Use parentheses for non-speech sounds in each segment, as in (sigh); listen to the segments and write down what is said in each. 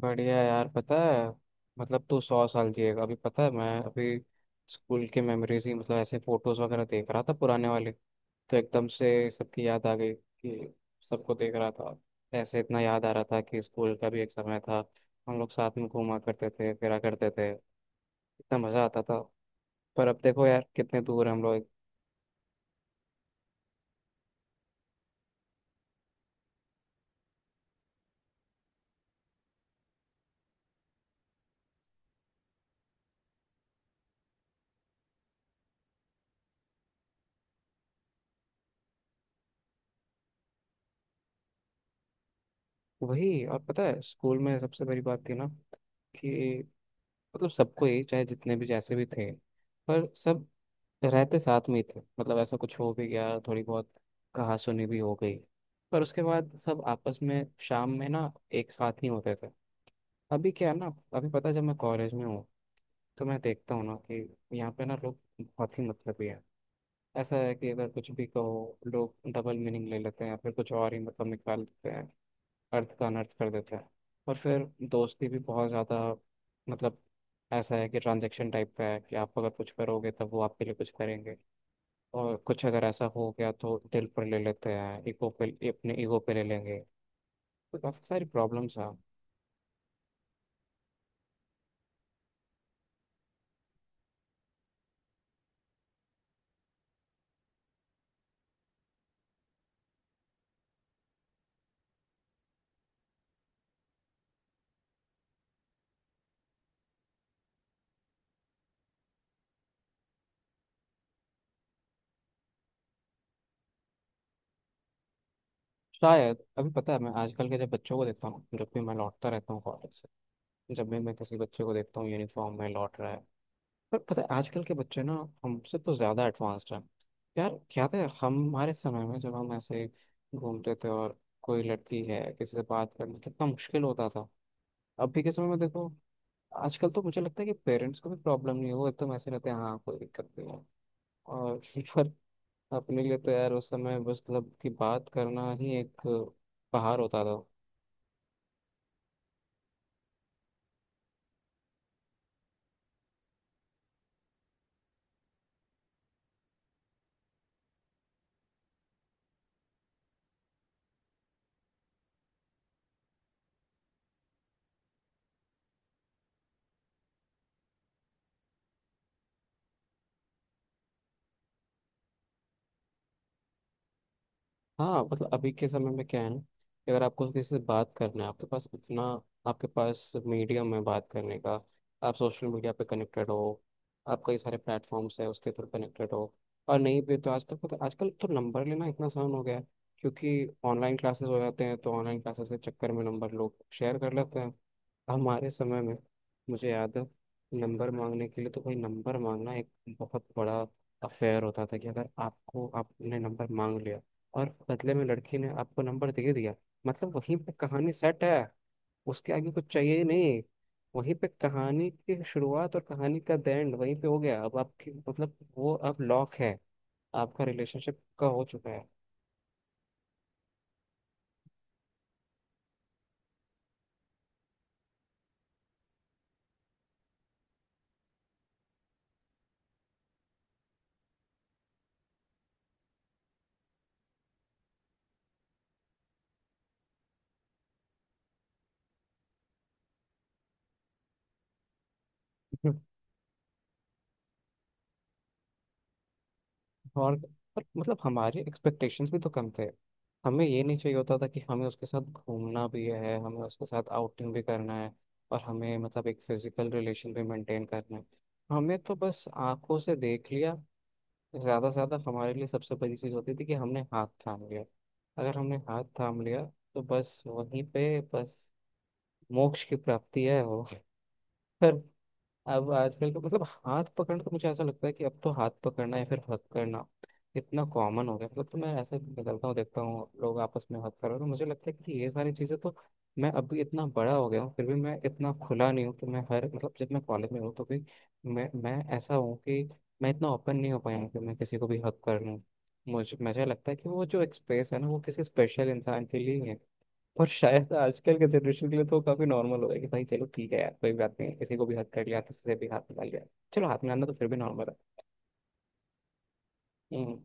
बढ़िया यार। पता है, मतलब तू 100 साल जिएगा। अभी पता है, मैं अभी स्कूल के मेमोरीज ही, मतलब ऐसे फोटोज वगैरह देख रहा था पुराने वाले। तो एकदम से सबकी याद आ गई कि सबको देख रहा था। ऐसे इतना याद आ रहा था कि स्कूल का भी एक समय था। हम लोग साथ में घूमा करते थे, फिरा करते थे। इतना मज़ा आता था। पर अब देखो यार, कितने दूर हैं हम लोग। वही, और पता है स्कूल में सबसे बड़ी बात थी ना, कि मतलब सबको ही, चाहे जितने भी जैसे भी थे, पर सब रहते साथ में ही थे। मतलब ऐसा कुछ हो भी गया, थोड़ी बहुत कहासुनी भी हो गई, पर उसके बाद सब आपस में शाम में ना एक साथ ही होते थे। अभी क्या है ना, अभी पता है जब मैं कॉलेज में हूँ, तो मैं देखता हूँ ना कि यहाँ पे ना लोग बहुत ही मतलबी हैं। ऐसा है कि अगर कुछ भी कहो, लोग डबल मीनिंग ले लेते हैं या फिर कुछ और ही मतलब निकाल देते हैं। अर्थ का अनर्थ कर देते हैं। और फिर दोस्ती भी बहुत ज़्यादा, मतलब ऐसा है कि ट्रांजेक्शन टाइप का है, कि आप अगर कुछ करोगे तब वो आपके लिए कुछ करेंगे। और कुछ अगर ऐसा हो गया तो दिल पर ले लेते हैं, ईगो पे, अपने ईगो पे ले लेंगे। तो काफ़ी सारी प्रॉब्लम्स हैं। शायद अभी पता है, मैं आजकल के जब बच्चों को देखता हूँ, जब भी मैं लौटता रहता हूँ कॉलेज से, जब भी मैं किसी बच्चे को देखता हूँ यूनिफॉर्म में लौट रहा है, पर पता है आजकल के बच्चे ना हमसे तो ज़्यादा एडवांस्ड हैं। यार क्या था हमारे समय में, जब हम ऐसे घूमते थे, और कोई लड़की है, किसी से बात करना कितना मुश्किल होता था। अभी के समय में देखो, आजकल तो मुझे लगता है कि पेरेंट्स को भी प्रॉब्लम नहीं है। वो एकदम ऐसे रहते हैं, हाँ कोई दिक्कत नहीं है। और (laughs) पर अपने लिए तो यार उस समय बस, मतलब कि बात करना ही एक पहाड़ होता था। हाँ, मतलब अभी के समय में क्या है ना कि अगर आपको किसी से बात करना है, आपके पास उतना आपके पास मीडियम है बात करने का। आप सोशल मीडिया पे कनेक्टेड हो, आप कई सारे प्लेटफॉर्म्स है उसके थ्रू कनेक्टेड हो। और नहीं भी तो आजकल पता, आजकल तो नंबर लेना इतना आसान हो गया है, क्योंकि ऑनलाइन क्लासेस हो जाते हैं, तो ऑनलाइन क्लासेस के चक्कर में नंबर लोग शेयर कर लेते हैं। हमारे समय में, मुझे याद है, नंबर मांगने के लिए तो भाई, नंबर मांगना एक बहुत बड़ा अफेयर होता था। कि अगर आपको, आपने नंबर मांग लिया और बदले में लड़की ने आपको नंबर दे दिया, मतलब वहीं पे कहानी सेट है। उसके आगे कुछ चाहिए ही नहीं। वहीं पे कहानी की शुरुआत और कहानी का एंड वहीं पे हो गया। अब आपकी, मतलब वो अब लॉक है। आपका रिलेशनशिप का हो चुका है। और पर मतलब हमारे एक्सपेक्टेशंस भी तो कम थे। हमें ये नहीं चाहिए होता था कि हमें उसके साथ घूमना भी है, हमें उसके साथ आउटिंग भी करना है, और हमें मतलब एक फिजिकल रिलेशन भी मेंटेन करना है। हमें तो बस आंखों से देख लिया, ज़्यादा से ज़्यादा हमारे लिए सबसे बड़ी चीज़ होती थी कि हमने हाथ थाम लिया। अगर हमने हाथ थाम लिया तो बस वहीं पे बस मोक्ष की प्राप्ति है वो। (laughs) पर अब आजकल का मतलब, हाथ पकड़ना तो मुझे ऐसा लगता है कि अब तो हाथ पकड़ना या फिर हक करना इतना कॉमन हो गया। मतलब तो मैं ऐसे निकलता हूँ, देखता हूँ लोग आपस में हक कर रहे हैं, तो मुझे लगता है कि ये सारी चीज़ें तो, मैं अभी इतना बड़ा हो गया हूँ फिर भी मैं इतना खुला नहीं हूँ कि मैं हर, मतलब जब मैं कॉलेज में हूँ तो भी मैं ऐसा हूँ कि मैं इतना ओपन नहीं हो पाया हूँ कि मैं किसी को भी हक कर लूँ। मुझे मुझे लगता है कि वो जो एक स्पेस है ना, वो किसी स्पेशल इंसान के लिए ही है। और शायद आजकल के जनरेशन के लिए तो काफी नॉर्मल हो गया कि भाई चलो ठीक है यार, कोई बात नहीं, किसी को भी हक कर लिया, किसी से भी हाथ मिला लिया। चलो हाथ मिलाना तो फिर भी नॉर्मल है। हम्म,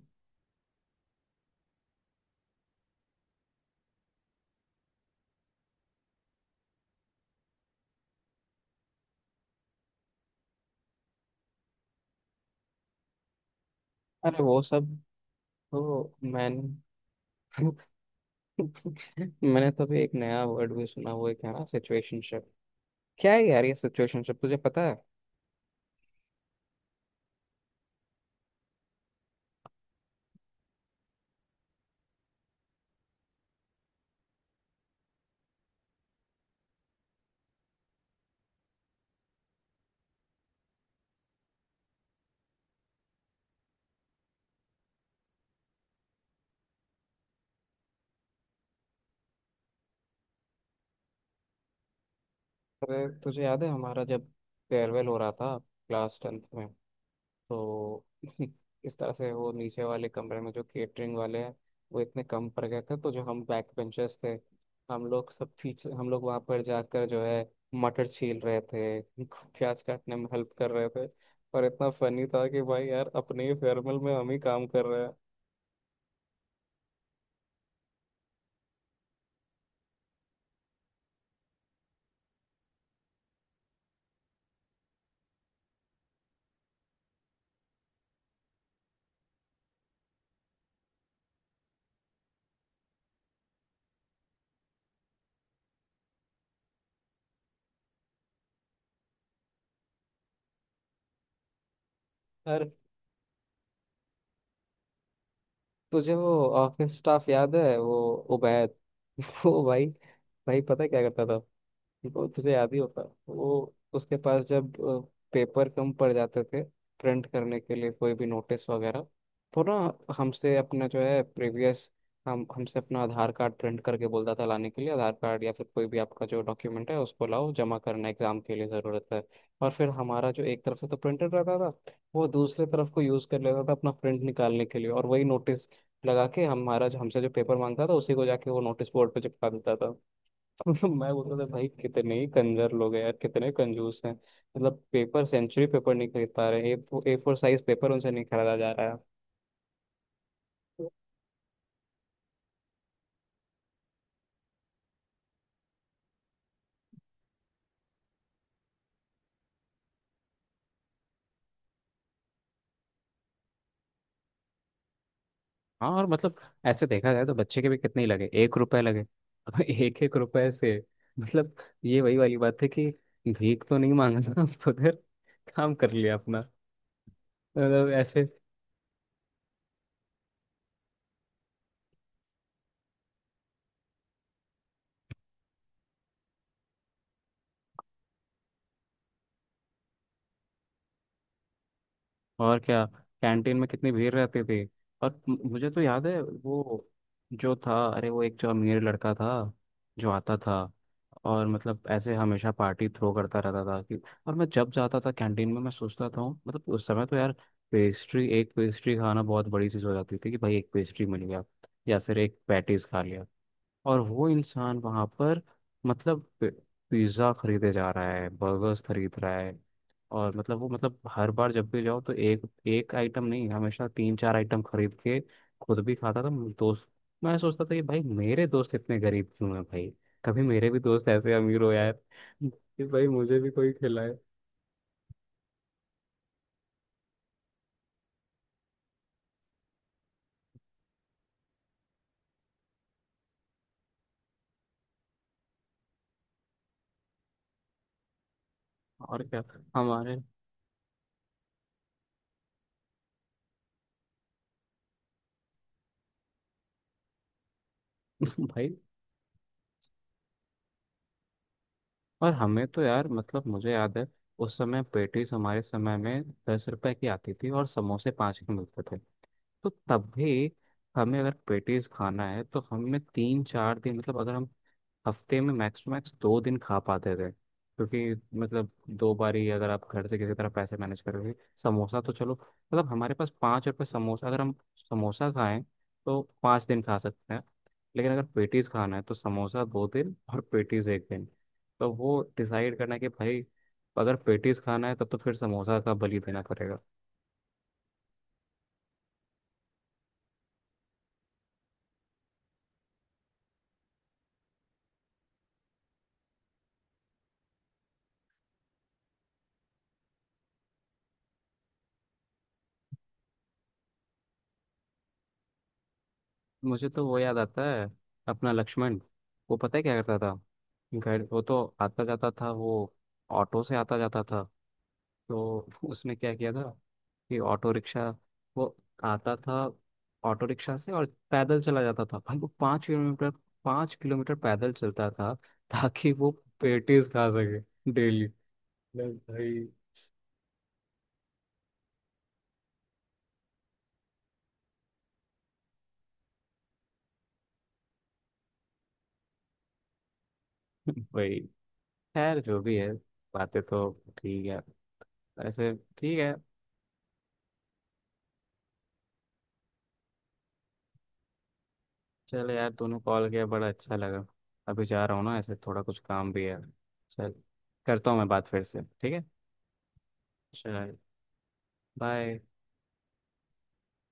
अरे वो सब तो मैंने मैंने तो अभी एक नया वर्ड भी सुना, वो क्या ना, सिचुएशनशिप। क्या है यार ये सिचुएशनशिप, तुझे पता है? अरे तुझे याद है हमारा जब फेयरवेल हो रहा था, क्लास 10वीं में, तो (laughs) इस तरह से वो नीचे वाले कमरे में जो केटरिंग वाले हैं, वो इतने कम पड़ गए थे, तो जो हम बैक बेंचर्स थे, हम लोग सब पीछे, हम लोग वहाँ पर जाकर जो है मटर छील रहे थे, (laughs) प्याज काटने में हेल्प कर रहे थे। और इतना फनी था कि भाई यार, अपने ही फेयरवेल में हम ही काम कर रहे हैं। यार तुझे वो ऑफिस स्टाफ याद है, वो उबैद? (laughs) वो भाई, भाई पता है क्या करता था, वो तुझे याद ही होगा। वो उसके पास जब पेपर कम पड़ जाते थे प्रिंट करने के लिए, कोई भी नोटिस वगैरह, तो ना हमसे अपना जो है प्रीवियस, हम हमसे अपना आधार कार्ड प्रिंट करके बोलता था लाने के लिए, आधार कार्ड या फिर कोई भी आपका जो डॉक्यूमेंट है उसको लाओ, जमा करना, एग्जाम के लिए ज़रूरत है। और फिर हमारा जो एक तरफ से तो प्रिंटर रहता था, वो दूसरे तरफ को यूज़ कर लेता था अपना प्रिंट निकालने के लिए, और वही नोटिस लगा के हमारा जो, हमसे जो पेपर मांगता था, उसी को जाके वो नोटिस बोर्ड पे चिपका देता था। (laughs) मैं बोलता था भाई कितने ही कंजर लोग हैं यार, कितने कंजूस हैं, मतलब पेपर, सेंचुरी पेपर नहीं खरीद पा रहे, ए फोर साइज पेपर उनसे नहीं खरीदा जा रहा है। हाँ, और मतलब ऐसे देखा जाए तो बच्चे के भी कितने ही लगे, 1 रुपए लगे। (laughs) अब एक एक रुपए से मतलब, ये वही वाली बात है कि भीख तो नहीं मांगा था उधर, काम कर लिया अपना, मतलब ऐसे। और क्या, कैंटीन में कितनी भीड़ रहती थी। और मुझे तो याद है वो जो था, अरे वो एक जो अमीर लड़का था, जो आता था और मतलब ऐसे हमेशा पार्टी थ्रो करता रहता था कि, और मैं जब जाता था कैंटीन में, मैं सोचता था मतलब उस समय तो यार पेस्ट्री, एक पेस्ट्री खाना बहुत बड़ी चीज़ हो जाती थी। कि भाई एक पेस्ट्री मिल गया या फिर एक पैटीज खा लिया। और वो इंसान वहां पर मतलब पिज्ज़ा खरीदे जा रहा है, बर्गर्स खरीद रहा है। और मतलब वो मतलब हर बार जब भी जाओ तो एक, एक आइटम नहीं, हमेशा 3-4 आइटम खरीद के खुद भी खाता था मेरे दोस्त। मैं सोचता था कि भाई मेरे दोस्त इतने गरीब क्यों हैं भाई, कभी मेरे भी दोस्त ऐसे अमीर हो यार। (laughs) कि भाई मुझे भी कोई खिलाए। और क्या, हमारे (laughs) भाई। और हमें तो यार मतलब मुझे याद है, उस समय पेटीज हमारे समय में 10 रुपए की आती थी और समोसे 5 के मिलते थे। तो तब भी हमें अगर पेटीज खाना है तो हमें 3-4 दिन, मतलब अगर हम हफ्ते में मैक्स टू मैक्स 2 दिन खा पाते थे, क्योंकि मतलब 2 बारी अगर आप घर से किसी तरह पैसे मैनेज करोगे। समोसा तो चलो, मतलब हमारे पास 5 रुपये, समोसा अगर हम समोसा खाएं तो 5 दिन खा सकते हैं। लेकिन अगर पेटीज खाना है तो समोसा 2 दिन और पेटीज एक दिन। तो वो डिसाइड करना है कि भाई, अगर पेटीज खाना है तब तो फिर समोसा का बलि देना पड़ेगा। मुझे तो वो याद आता है, अपना लक्ष्मण। वो पता है क्या करता था, घर वो तो आता जाता था, वो ऑटो से आता जाता था। तो उसने क्या किया था कि ऑटो रिक्शा, वो आता था ऑटो रिक्शा से, और पैदल चला जाता था भाई वो, 5 किलोमीटर, 5 किलोमीटर पैदल चलता था, ताकि वो पेटीज खा सके डेली। मतलब भाई, (laughs) भाई खैर जो भी है, बातें तो ठीक है ऐसे। ठीक है चल यार, तूने कॉल किया बड़ा अच्छा लगा। अभी जा रहा हूँ ना, ऐसे थोड़ा कुछ काम भी है। चल, करता हूँ मैं बात फिर से, ठीक है? चल, बाय।